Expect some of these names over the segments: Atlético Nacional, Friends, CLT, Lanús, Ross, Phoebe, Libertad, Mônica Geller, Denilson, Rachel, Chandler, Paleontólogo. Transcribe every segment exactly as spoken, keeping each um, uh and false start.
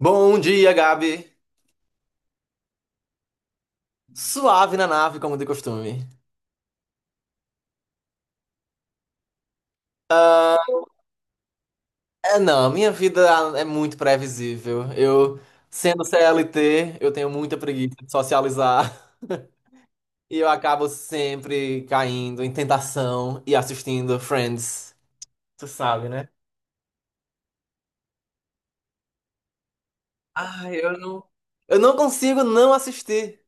Bom dia, Gabi. Suave na nave, como de costume. Ah, é, não, minha vida é muito previsível. Eu, sendo C L T, eu tenho muita preguiça de socializar. E eu acabo sempre caindo em tentação e assistindo Friends. Tu sabe, né? Ai, eu não. Eu não consigo não assistir.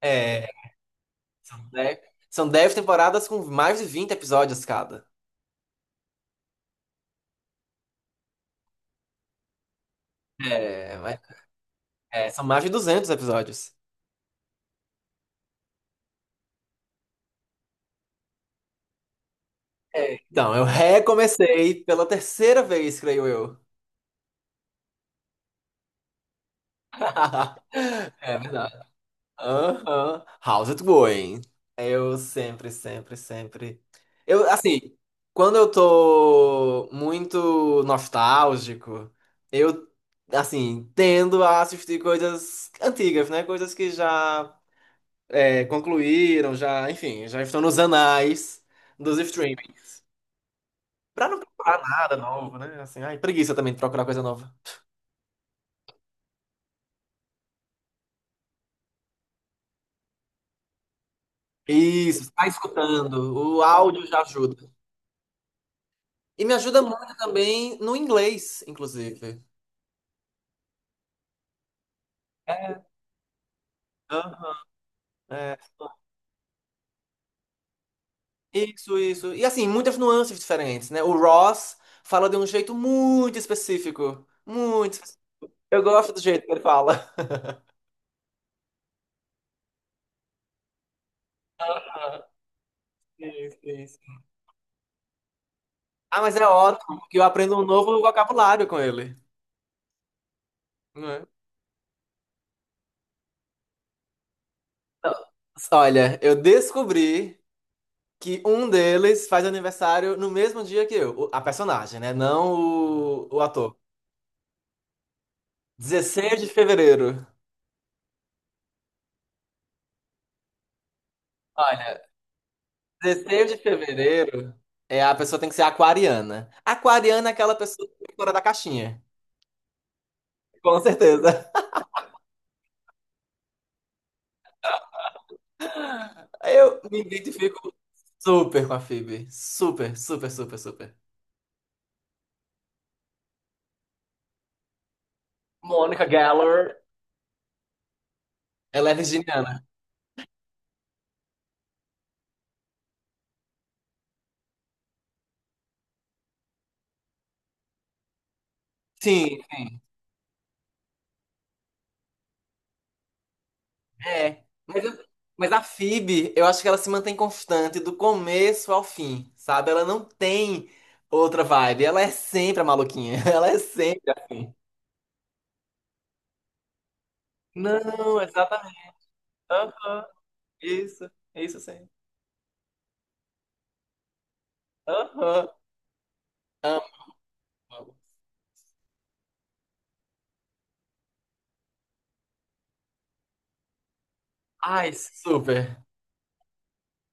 É, são dez, são dez temporadas com mais de vinte episódios cada. É, mas- é, são mais de duzentos episódios. É, então, eu recomecei pela terceira vez, creio eu. É verdade. Aham. How's it going? Eu sempre, sempre, sempre. Eu, assim, quando eu tô muito nostálgico, eu, assim, tendo a assistir coisas antigas, né? Coisas que já é, concluíram, já, enfim, já estão nos anais dos streamings. Pra não procurar nada novo, né? Assim, ai, preguiça também de procurar coisa nova. Isso, está escutando. O áudio já ajuda. E me ajuda muito também no inglês, inclusive. Aham, é. Isso, isso. E assim, muitas nuances diferentes, né? O Ross fala de um jeito muito específico. Muito específico. Eu gosto do jeito que ele fala. Aham, isso, isso. Ah, mas é ótimo, porque eu aprendo um novo vocabulário com ele. Não é? Então, olha, eu descobri que um deles faz aniversário no mesmo dia que eu. O- A personagem, né? Não o, o ator. Dezesseis de fevereiro. Olha, dezesseis de fevereiro é a pessoa tem que ser aquariana. Aquariana é aquela pessoa que é fora da caixinha. Com certeza. Eu me identifico super com a Phoebe. Super, super, super, super. Mônica Geller, ela é virginiana. Sim, é. Mas, eu- mas a Phoebe, eu acho que ela se mantém constante do começo ao fim, sabe? Ela não tem outra vibe. Ela é sempre a maluquinha. Ela é sempre assim. Não, exatamente. Isso, isso sim. Aham. Amo. Ai, super.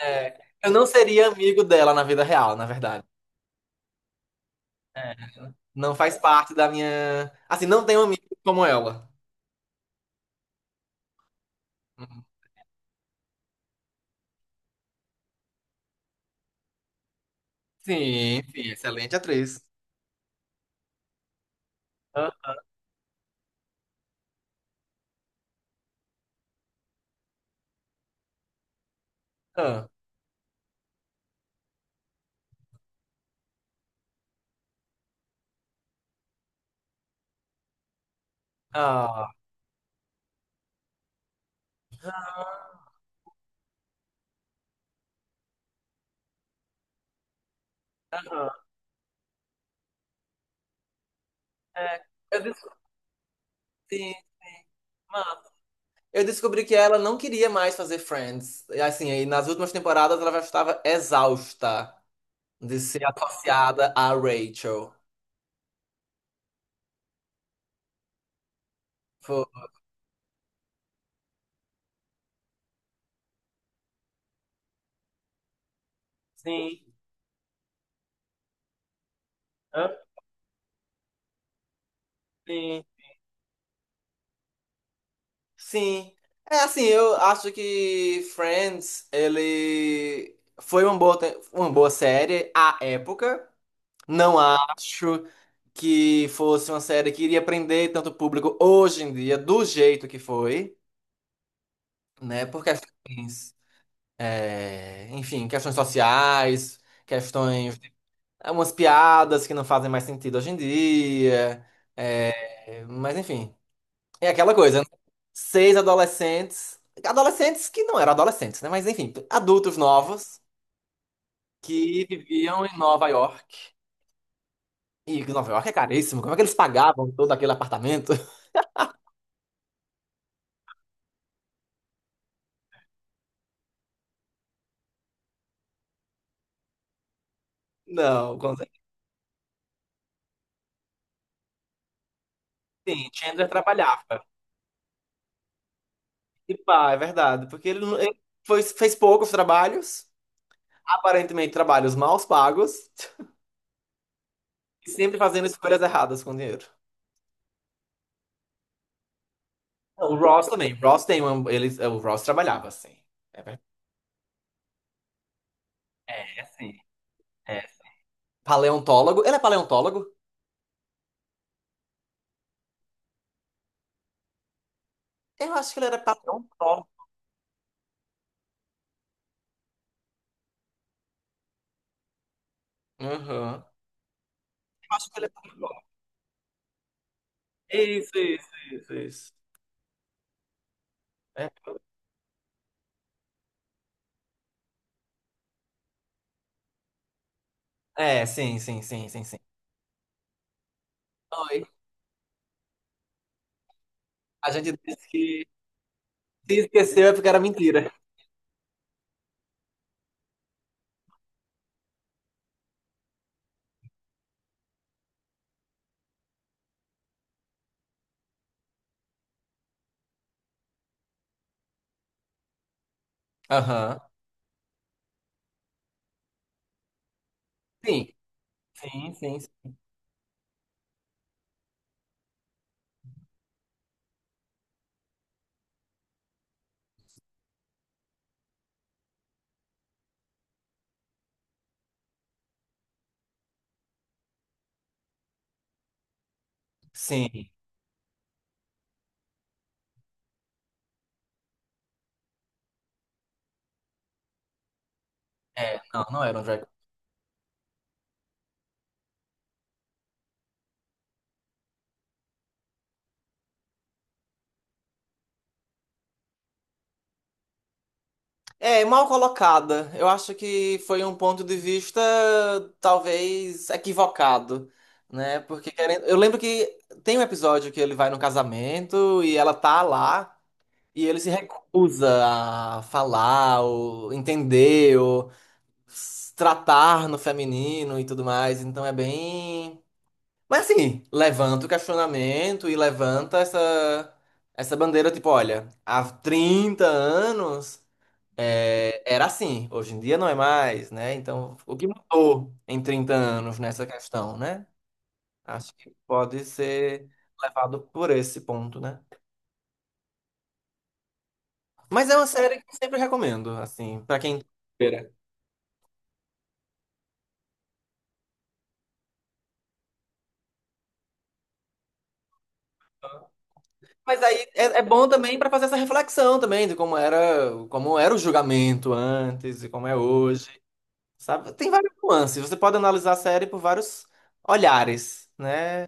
É. Eu não seria amigo dela na vida real, na verdade. Não faz parte da minha. Assim, não tenho amigo como ela. Uhum. Sim, sim, excelente atriz. Aham. Ah. Aham. É. Eu descobri. Mano, eu descobri que ela não queria mais fazer Friends. E, assim, aí nas últimas temporadas ela já estava exausta de ser associada a Rachel. Foi. Sim. Sim, sim. É assim, eu acho que Friends, ele foi uma boa, te- uma boa série à época. Não acho que fosse uma série que iria prender tanto público hoje em dia, do jeito que foi, né? Por questões, é, enfim, questões sociais, questões, umas piadas que não fazem mais sentido hoje em dia. É, mas enfim. É aquela coisa, né? Seis adolescentes, adolescentes que não eram adolescentes, né? Mas enfim, adultos novos que viviam em Nova York. E Nova York é caríssimo. Como é que eles pagavam todo aquele apartamento? Não, com certeza. Sim, Chandler trabalhava. E pá, é verdade, porque ele, não- ele foi- fez poucos trabalhos, aparentemente trabalhos mal pagos, e sempre fazendo escolhas erradas com dinheiro. Não, o Ross também. O Ross tem uma, ele, o Ross trabalhava assim. É, ver- é assim. Paleontólogo? Ele é paleontólogo? Eu acho que ele era paleontólogo. Aham. Eu acho que ele é paleontólogo. Isso, isso, isso, isso. É. É, sim, sim, sim, sim, sim. Oi. A gente disse que se esqueceu é porque era mentira. Aham. Sim, sim, sim, sim. Sim. É, não, não era um drag. É, mal colocada. Eu acho que foi um ponto de vista talvez equivocado, né? Porque querendo... eu lembro que tem um episódio que ele vai no casamento e ela tá lá. E ele se recusa a falar, ou entender, ou s- tratar no feminino e tudo mais. Então é bem. Mas assim, levanta o questionamento e levanta essa, essa bandeira, tipo, olha, há trinta anos é, era assim, hoje em dia não é mais, né? Então, o que mudou em trinta anos nessa questão, né? Acho que pode ser levado por esse ponto, né? Mas é uma série que eu sempre recomendo, assim, pra quem. Mas aí é, é bom também para fazer essa reflexão também de como era, como era o julgamento antes e como é hoje, sabe? Tem várias nuances. Você pode analisar a série por vários olhares, né?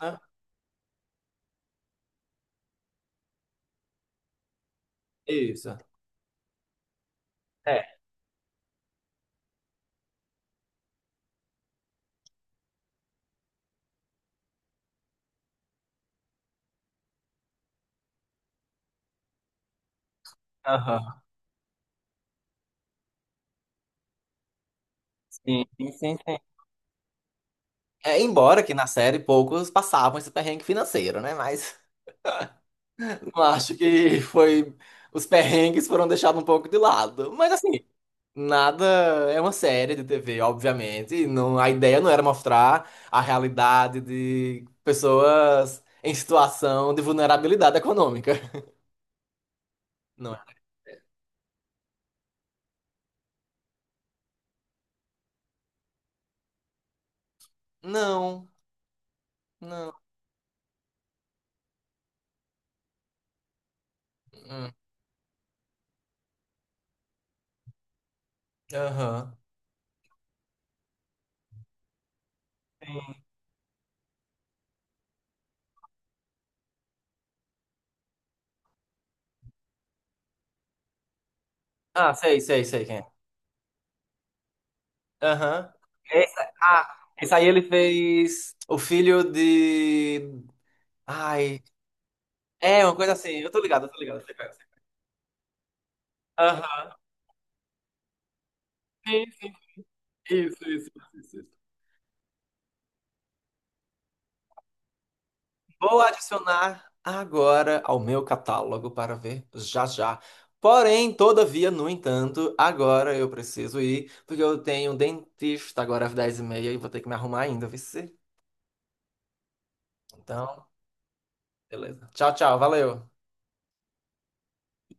Ah, isso. É. Aham. Sim, sim, sim, sim. É, embora que na série poucos passavam esse perrengue financeiro, né? Mas eu acho que foi os perrengues foram deixados um pouco de lado. Mas assim, nada, é uma série de T V, obviamente. E não, a ideia não era mostrar a realidade de pessoas em situação de vulnerabilidade econômica. Não é? Não, não. Hum, aham. Ah, sei, sei, sei quem é. Aham. Esse, ah, esse aí ele fez o filho de. Ai. É, uma coisa assim. Eu tô ligado, eu tô ligado, eu tô ligado. Aham. Isso, isso, isso. Vou adicionar agora ao meu catálogo para ver já já. Porém, todavia, no entanto, agora eu preciso ir, porque eu tenho um dentista agora às dez e meia e meia e vou ter que me arrumar ainda, viu? Cê? Então, beleza. Tchau, tchau, valeu.